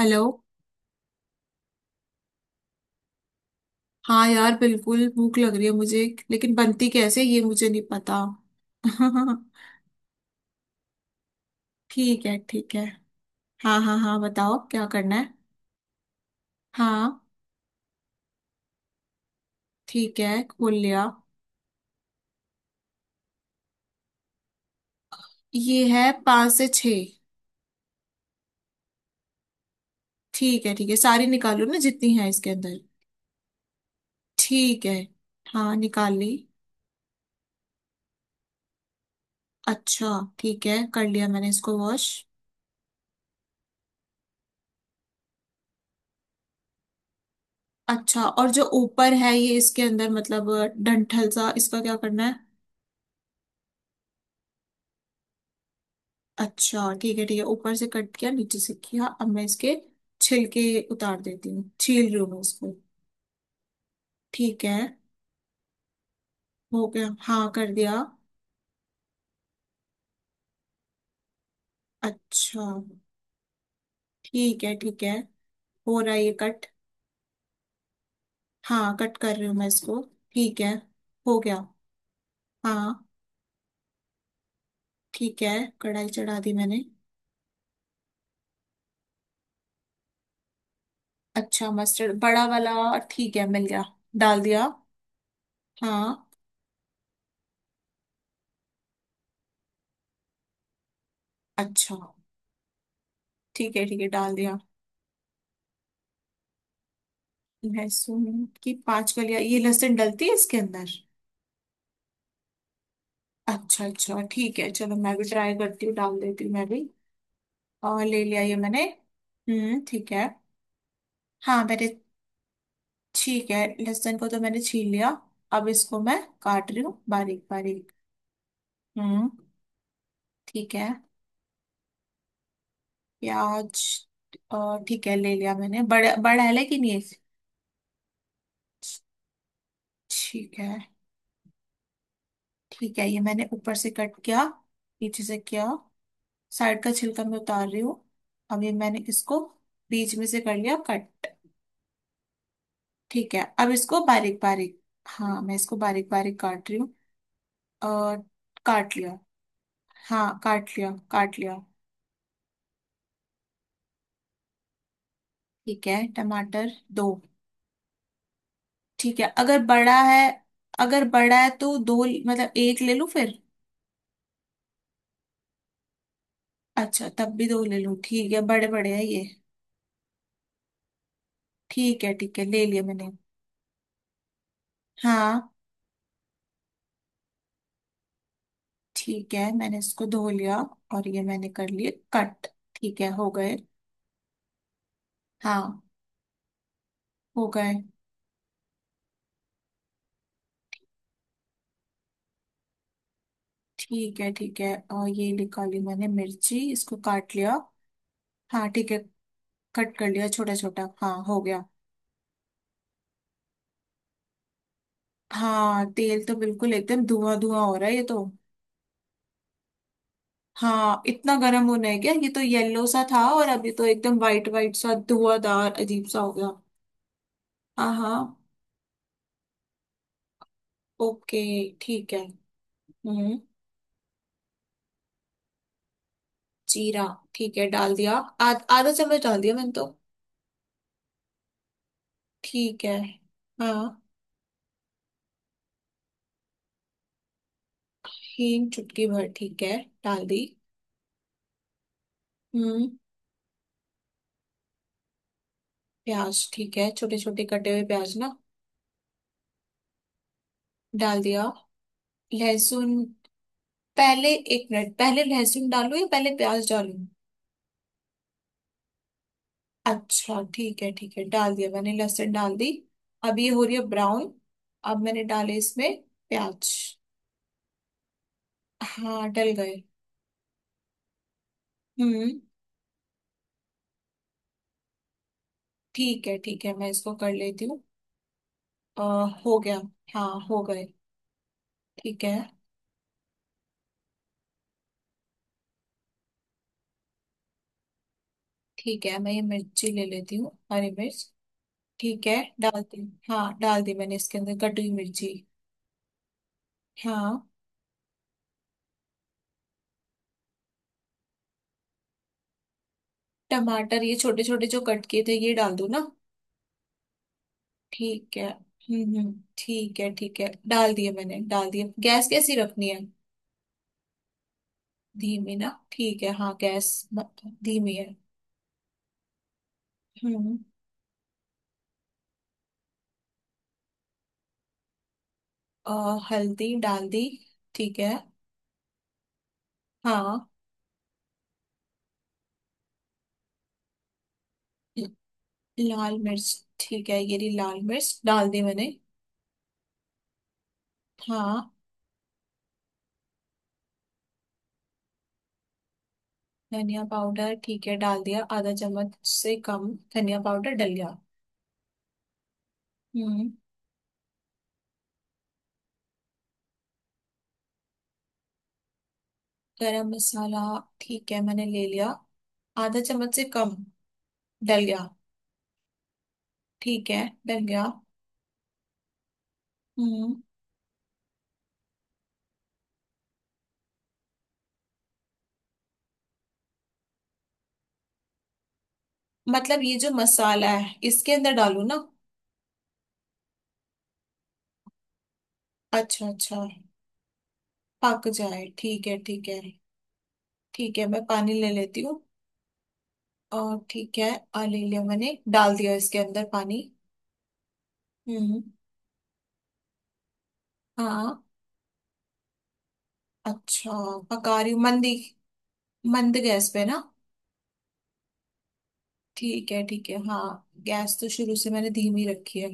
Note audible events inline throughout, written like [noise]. Hello. हाँ यार, बिल्कुल भूख लग रही है मुझे। लेकिन बनती कैसे ये मुझे नहीं पता। [laughs] ठीक है ठीक है। हाँ हाँ हाँ, बताओ क्या करना है। हाँ। ठीक है, खोल लिया। ये है पाँच से छः। ठीक है ठीक है, सारी निकालो ना जितनी है इसके अंदर। ठीक है। हाँ निकाल ली। अच्छा। ठीक है, कर लिया मैंने इसको वॉश। अच्छा, और जो ऊपर है ये इसके अंदर मतलब डंठल सा इसका क्या करना है। अच्छा ठीक है ठीक है, ऊपर से कट किया नीचे से किया। अब मैं इसके छिलके उतार देती हूँ, छील रही हूँ मैं उसको। ठीक है। हो गया, हाँ कर दिया। अच्छा ठीक है ठीक है। हो रहा है ये कट। हाँ, कट कर रही हूँ मैं इसको। ठीक है। हो गया। हाँ। ठीक है। कढ़ाई चढ़ा दी मैंने। अच्छा, मस्टर्ड बड़ा वाला। ठीक है, मिल गया। डाल दिया। हाँ। अच्छा ठीक है ठीक है, डाल दिया। लहसुन की पांच कलियां? ये लहसुन डलती है इसके अंदर? अच्छा अच्छा ठीक है, चलो मैं भी ट्राई करती हूँ, डाल देती हूँ मैं भी। और ले लिया ये मैंने। हम्म, ठीक है। हाँ मैंने। ठीक है, लहसुन को तो मैंने छील लिया। अब इसको मैं काट रही हूँ बारीक बारीक। हम्म। ठीक है। प्याज। और ठीक है, ले लिया मैंने। बड़ा बड़ा है लेकिन ये। ठीक है। ठीक है, ये मैंने ऊपर से कट किया, पीछे से किया। साइड का छिलका मैं उतार रही हूँ। अभी मैंने इसको बीच में से कर लिया कट। ठीक है, अब इसको बारीक बारीक। हाँ मैं इसको बारीक बारीक काट रही हूँ। और काट लिया। हाँ काट लिया काट लिया। ठीक है, टमाटर दो। ठीक है, अगर बड़ा है, अगर बड़ा है तो दो मतलब एक ले लूँ फिर। अच्छा, तब भी दो ले लूँ। ठीक है, बड़े बड़े है ये। ठीक है ठीक है, ले लिया मैंने। हाँ। ठीक है, मैंने इसको धो लिया। और ये मैंने कर लिए कट। ठीक है, हो गए। हाँ हो गए। ठीक है ठीक है, और ये निकाली मैंने मिर्ची, इसको काट लिया। हाँ ठीक है। कट कर लिया, छोटा छोटा। हाँ हो गया। हाँ, तेल तो बिल्कुल एकदम धुआं धुआं हो रहा है ये तो। हाँ, इतना गर्म होना है क्या? ये तो येलो सा था और अभी तो एकदम वाइट वाइट सा धुआंधार अजीब सा हो गया। हाँ हाँ। ओके। ठीक है। हम्म। जीरा? ठीक है, डाल दिया। आध आधा चम्मच डाल दिया मैंने तो। ठीक है। हाँ। हींग चुटकी भर, ठीक है। डाल दी। हम्म। प्याज, ठीक है। छोटे छोटे कटे हुए प्याज ना। डाल दिया। लहसुन। पहले एक मिनट, पहले लहसुन डालूं या पहले प्याज डालूं? अच्छा ठीक है ठीक है, डाल दिया मैंने, लहसुन डाल दी। अब ये हो रही है ब्राउन। अब मैंने डाले इसमें प्याज। हाँ डल गए। हम्म। ठीक है ठीक है, मैं इसको कर लेती हूँ। अ, हो गया। हाँ हो गए। ठीक है ठीक है, मैं ये मिर्ची ले लेती हूँ, हरी मिर्च। ठीक है, डाल दी। हाँ, डाल दी मैंने इसके अंदर कटी हुई मिर्ची। हाँ। टमाटर, ये छोटे छोटे जो कट किए थे ये डाल दूँ ना? ठीक है। हम्म, ठीक है ठीक है, डाल दिए मैंने, डाल दिए। गैस कैसी रखनी है? धीमी ना, ठीक है। हाँ, गैस धीमी है। हम्म। अ, हल्दी डाल दी। ठीक है। हाँ। ल- लाल मिर्च, ठीक है। ये रही लाल मिर्च, डाल दी मैंने। हाँ। धनिया पाउडर, ठीक है, डाल दिया, आधा चम्मच से कम। धनिया पाउडर डल गया। हम्म। गरम मसाला, ठीक है मैंने ले लिया, आधा चम्मच से कम। डल गया। ठीक है, डल गया। हम्म, मतलब ये जो मसाला है इसके अंदर डालू ना? अच्छा अच्छा। पक जाए, ठीक है ठीक है। ठीक है, मैं पानी ले लेती हूँ। और ठीक है। आ, ले लिया मैंने, डाल दिया इसके अंदर पानी। हम्म। हाँ। अच्छा, पका रही हूँ मंदी, मंद गैस पे ना। ठीक है ठीक है, हाँ, गैस तो शुरू से मैंने धीमी रखी है।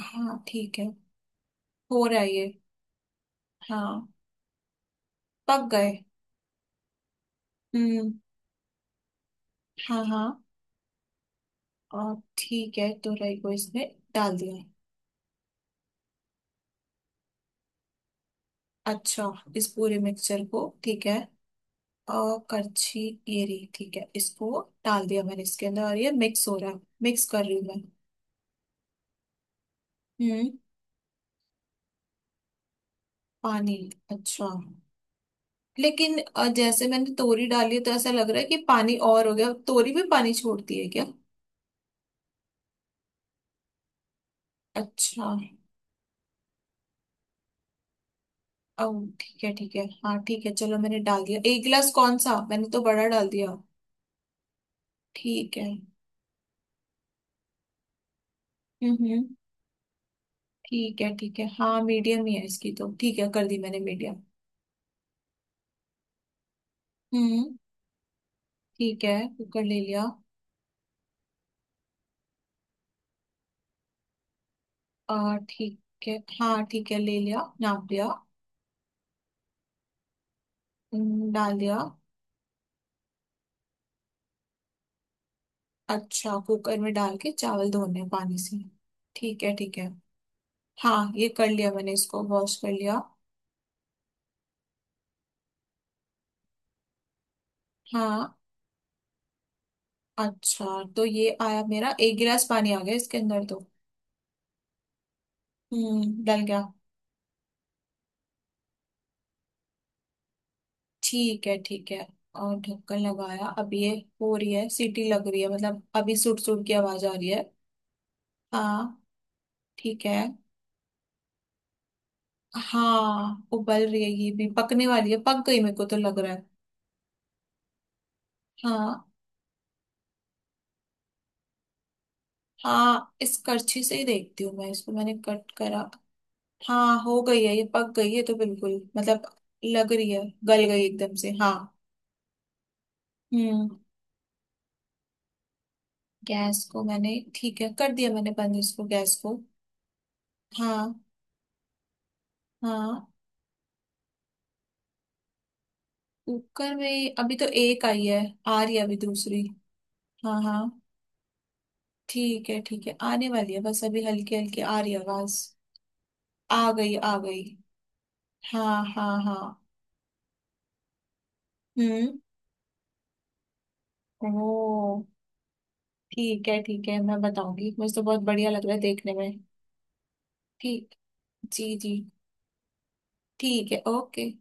हाँ ठीक है। हो रहा है ये। हाँ। पक गए। हम्म। हाँ हाँ। और ठीक है, तो राई को इसमें डाल दिया। अच्छा, इस पूरे मिक्सचर को? ठीक है। और करछी, ये रही। ठीक है, इसको डाल दिया मैंने इसके अंदर, और ये मिक्स हो रहा है, मिक्स कर रही हूँ मैं। हम्म। पानी, अच्छा। लेकिन जैसे मैंने तोरी डाली तो ऐसा लग रहा है कि पानी और हो गया, तोरी भी पानी छोड़ती है क्या? अच्छा। ओ ठीक है ठीक है, हाँ ठीक है, चलो मैंने डाल दिया एक गिलास, कौन सा मैंने तो बड़ा डाल दिया। ठीक है। हम्म, ठीक है ठीक है, हाँ मीडियम ही है इसकी तो। ठीक है, कर दी मैंने मीडियम। हम्म। ठीक है, कुकर ले लिया। आ ठीक है। हाँ ठीक है, ले लिया, नाप लिया। डाल दिया। अच्छा, कुकर में डाल के चावल धोने हैं पानी से? ठीक है ठीक है। हाँ, ये कर लिया मैंने, इसको वॉश कर लिया। हाँ। अच्छा, तो ये आया मेरा, एक गिलास पानी आ गया इसके अंदर तो। हम्म, डल गया। ठीक है ठीक है, और ढक्कन लगाया। अब ये हो रही है सीटी, लग रही है, मतलब अभी सुट सुट की आवाज आ रही है। हाँ ठीक है। हाँ, उबल रही है, ये भी पकने वाली है, पक गई मेरे को तो लग रहा है। हाँ हाँ, इस करछी से ही देखती हूँ मैं इसको, मैंने कट करा। हाँ हो गई है, ये पक गई है तो बिल्कुल मतलब लग रही है, गल गई एकदम से। हाँ। हम्म। गैस को मैंने, ठीक है, कर दिया मैंने बंद इसको, गैस को। हाँ हाँ। कुकर में अभी तो एक आई है, आ रही है अभी दूसरी। हाँ हाँ। ठीक है ठीक है, आने वाली है बस, अभी हल्की हल्की आ रही है आवाज। आ गई आ गई। हाँ हाँ हाँ। हम्म। ओ ठीक है ठीक है, मैं बताऊंगी, मुझे तो बहुत बढ़िया लग रहा है देखने में। ठीक, जी जी। ठीक है। ओके।